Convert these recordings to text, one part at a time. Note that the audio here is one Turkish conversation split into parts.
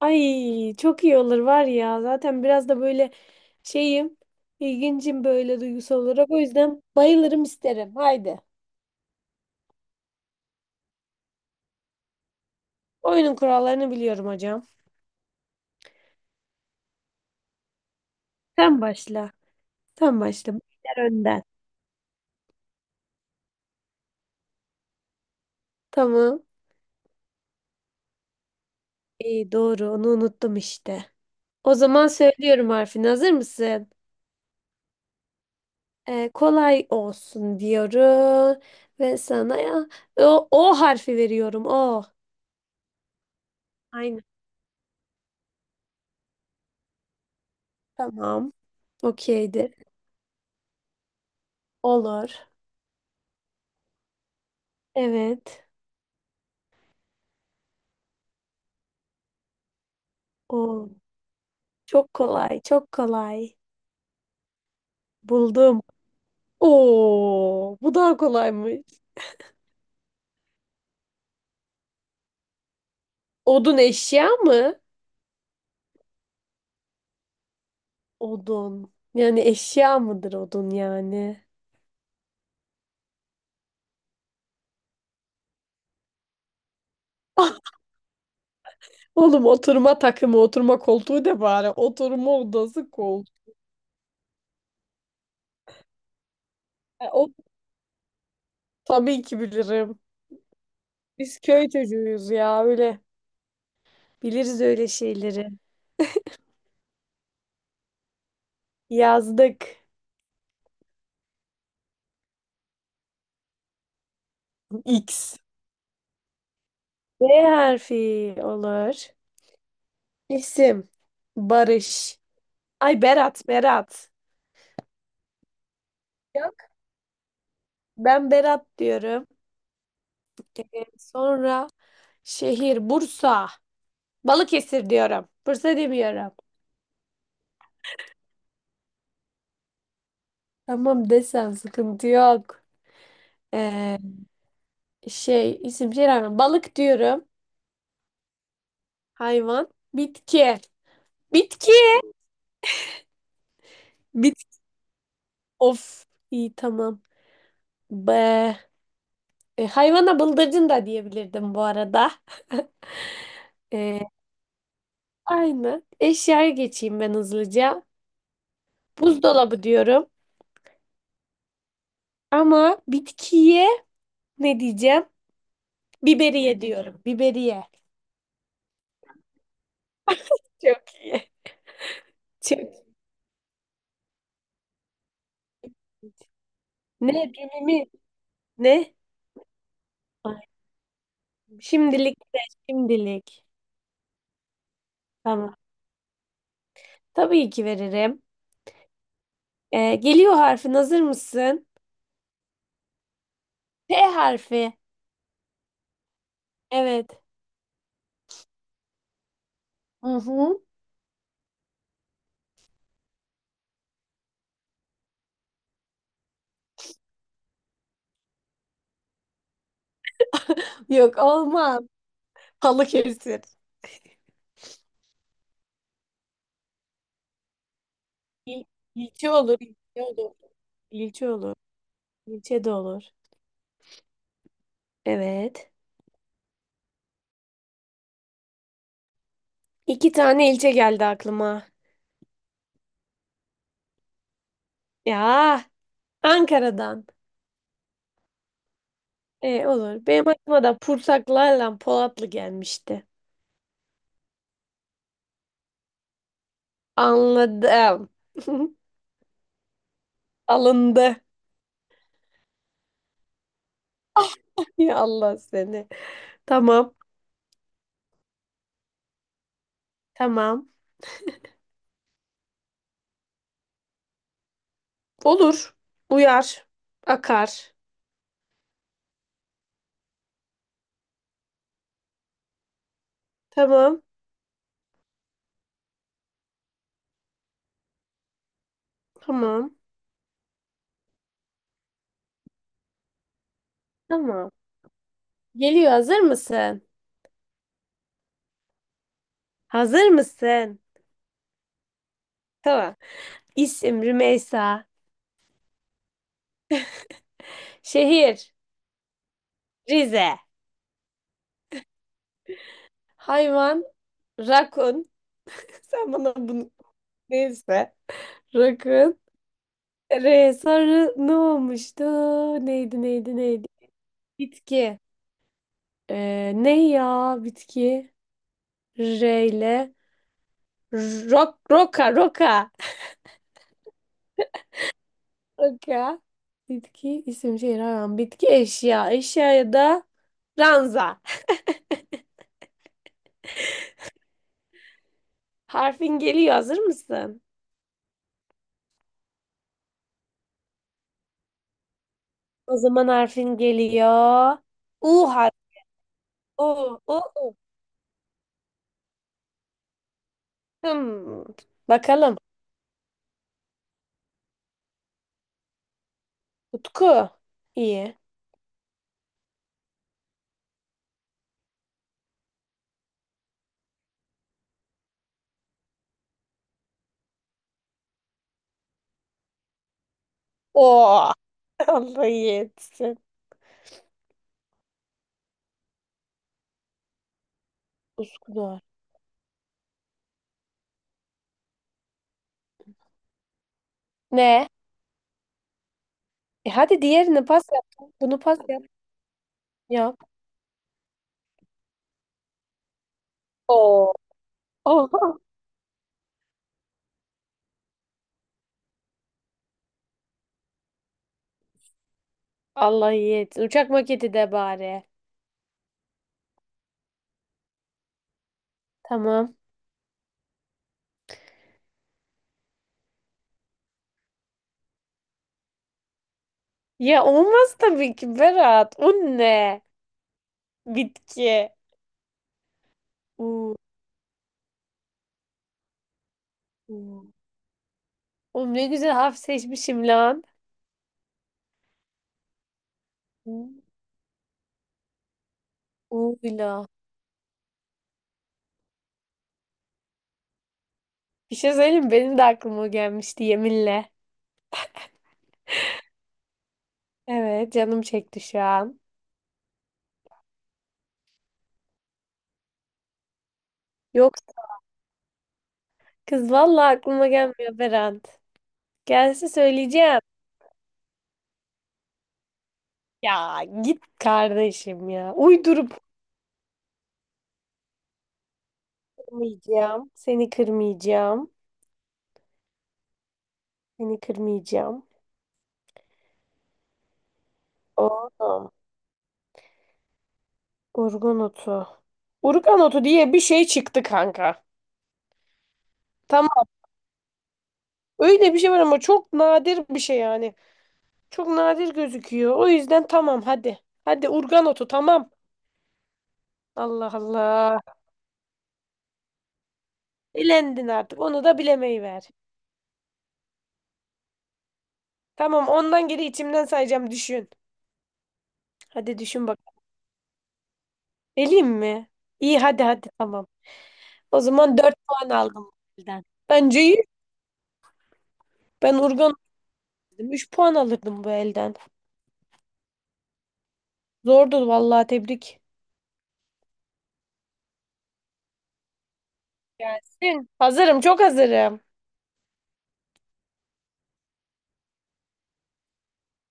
Ay çok iyi olur var ya. Zaten biraz da böyle şeyim, ilgincim böyle duygusal olarak. O yüzden bayılırım isterim. Haydi. Oyunun kurallarını biliyorum hocam. Sen başla. Sen başla. Başlar önden. Tamam. İyi doğru. Onu unuttum işte. O zaman söylüyorum harfini. Hazır mısın? Kolay olsun diyorum. Ve sana ya o harfi veriyorum. O. Aynen. Tamam. Okeydir. Olur. Evet. O. Çok kolay, çok kolay. Buldum. Oo, bu daha kolaymış. Odun eşya mı? Odun. Yani eşya mıdır odun yani? Ah, oğlum oturma takımı, oturma koltuğu da bari. Oturma odası koltuğu. E, o tabii ki bilirim. Biz köy çocuğuyuz ya öyle. Biliriz öyle şeyleri. Yazdık. X. B harfi olur. İsim. Barış. Ay Berat, Berat. Ya? Ben Berat diyorum. Sonra şehir Bursa. Balıkesir diyorum. Bursa demiyorum. Tamam desen sıkıntı yok. Ee, Şey isim şey rağmen balık diyorum. Hayvan. Bitki. Bitki. Bit. Of. İyi tamam. Be. E, hayvana bıldırcın da diyebilirdim bu arada. Ee, Aynı. Eşyaya geçeyim ben hızlıca. Buzdolabı diyorum. Ama bitkiye ne diyeceğim? Biberiye diyorum. Biberiye. Çok iyi. Çok iyi. Ne? Cümimi? Ne? Ay, şimdilik de şimdilik. Tamam. Tabii ki veririm. Geliyor harfin. Hazır mısın? T harfi. Evet. Hı hı. Yok olmam, Balıkesir. İl ilçe olur. İlçe olur. İlçe olur. İlçe de olur. Evet. İki tane ilçe geldi aklıma. Ya Ankara'dan. Olur. Benim aklıma da Pursaklarla Polatlı gelmişti. Anladım. Alındı. Ya Allah seni. Tamam. Tamam. Olur. Uyar. Akar. Tamam. Tamam. Tamam. Geliyor. Hazır mısın? Hazır mısın? Tamam. İsim Rümeysa. Şehir Rize. Hayvan rakun. Sen bana bunu neyse. Rakun. Re sarı ne olmuştu? Neydi? Bitki. Ne ya bitki? R ile rok, roka, roka. Roka. Bitki, isim, şehir, hayvan. Bitki, eşya. Eşyaya da ranza. Harfin geliyor. Hazır mısın? O zaman harfin geliyor. U harfi. U, U, U. Hmm. Bakalım. Utku. İyi. O. Allah iyi etsin. Utku doğru. Ne? E hadi diğerini pas yap. Bunu pas yap. Yap. O. O. Allah iyi etsin. Uçak maketi de bari. Tamam. Ya olmaz tabii ki Berat. O ne? Bitki. Oo. Oo. Oğlum ne güzel harf seçmişim lan. Oo, Uğuyla. Bir şey söyleyeyim mi? Benim de aklıma gelmişti yeminle. Evet canım çekti şu an. Yok kız vallahi aklıma gelmiyor Berat. Gelse söyleyeceğim. Ya git kardeşim ya. Uydurup kırmayacağım. Seni kırmayacağım. Oo. Urgun otu. Urgan otu diye bir şey çıktı kanka. Tamam. Öyle bir şey var ama çok nadir bir şey yani. Çok nadir gözüküyor. O yüzden tamam hadi. Hadi urgan otu tamam. Allah Allah. Elendin artık. Onu da bilemeyi ver. Tamam ondan geri içimden sayacağım düşün. Hadi düşün bak. Eleyim mi? İyi hadi hadi tamam. O zaman 4 puan aldım bu elden. Bence iyi. Ben urgan dedim. Üç puan alırdım bu elden. Zordu vallahi tebrik. Gelsin. Hazırım çok hazırım.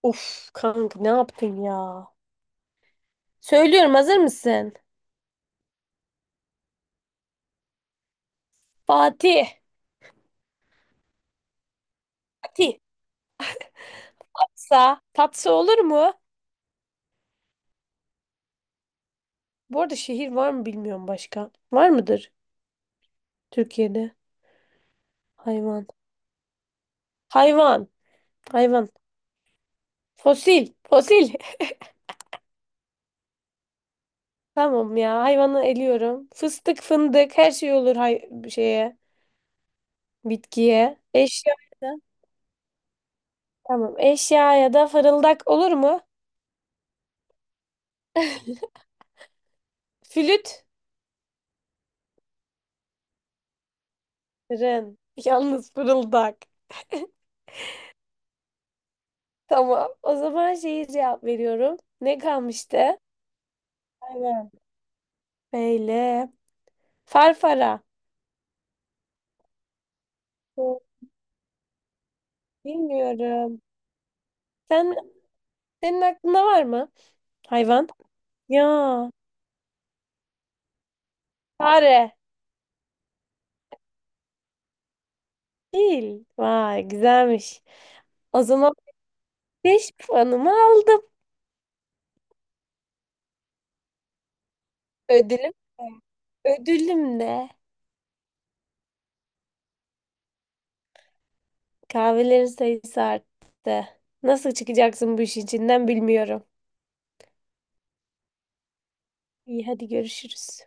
Of kanka ne yaptın ya? Söylüyorum hazır mısın? Fatih. Fatih. Tatsa. Tatsa olur mu? Bu arada şehir var mı bilmiyorum başka. Var mıdır Türkiye'de? Hayvan. Hayvan. Hayvan. Fosil. Fosil. Tamam ya hayvanı eliyorum. Fıstık fındık her şey olur hay şeye. Bitkiye. Eşya. Da. Tamam eşya ya da fırıldak olur mu? Flüt. Fırın. Yalnız fırıldak. Tamam. O zaman şeyi cevap veriyorum. Ne kalmıştı? Aynen. Böyle. Farfara. Hı, bilmiyorum. Sen, senin aklında var mı? Hayvan. Ya. Fare. Değil. Vay güzelmiş. O zaman 5 puanımı aldım. Ödülüm. Hı. Ödülüm de kahvelerin sayısı arttı. Nasıl çıkacaksın bu işin içinden bilmiyorum. İyi hadi görüşürüz.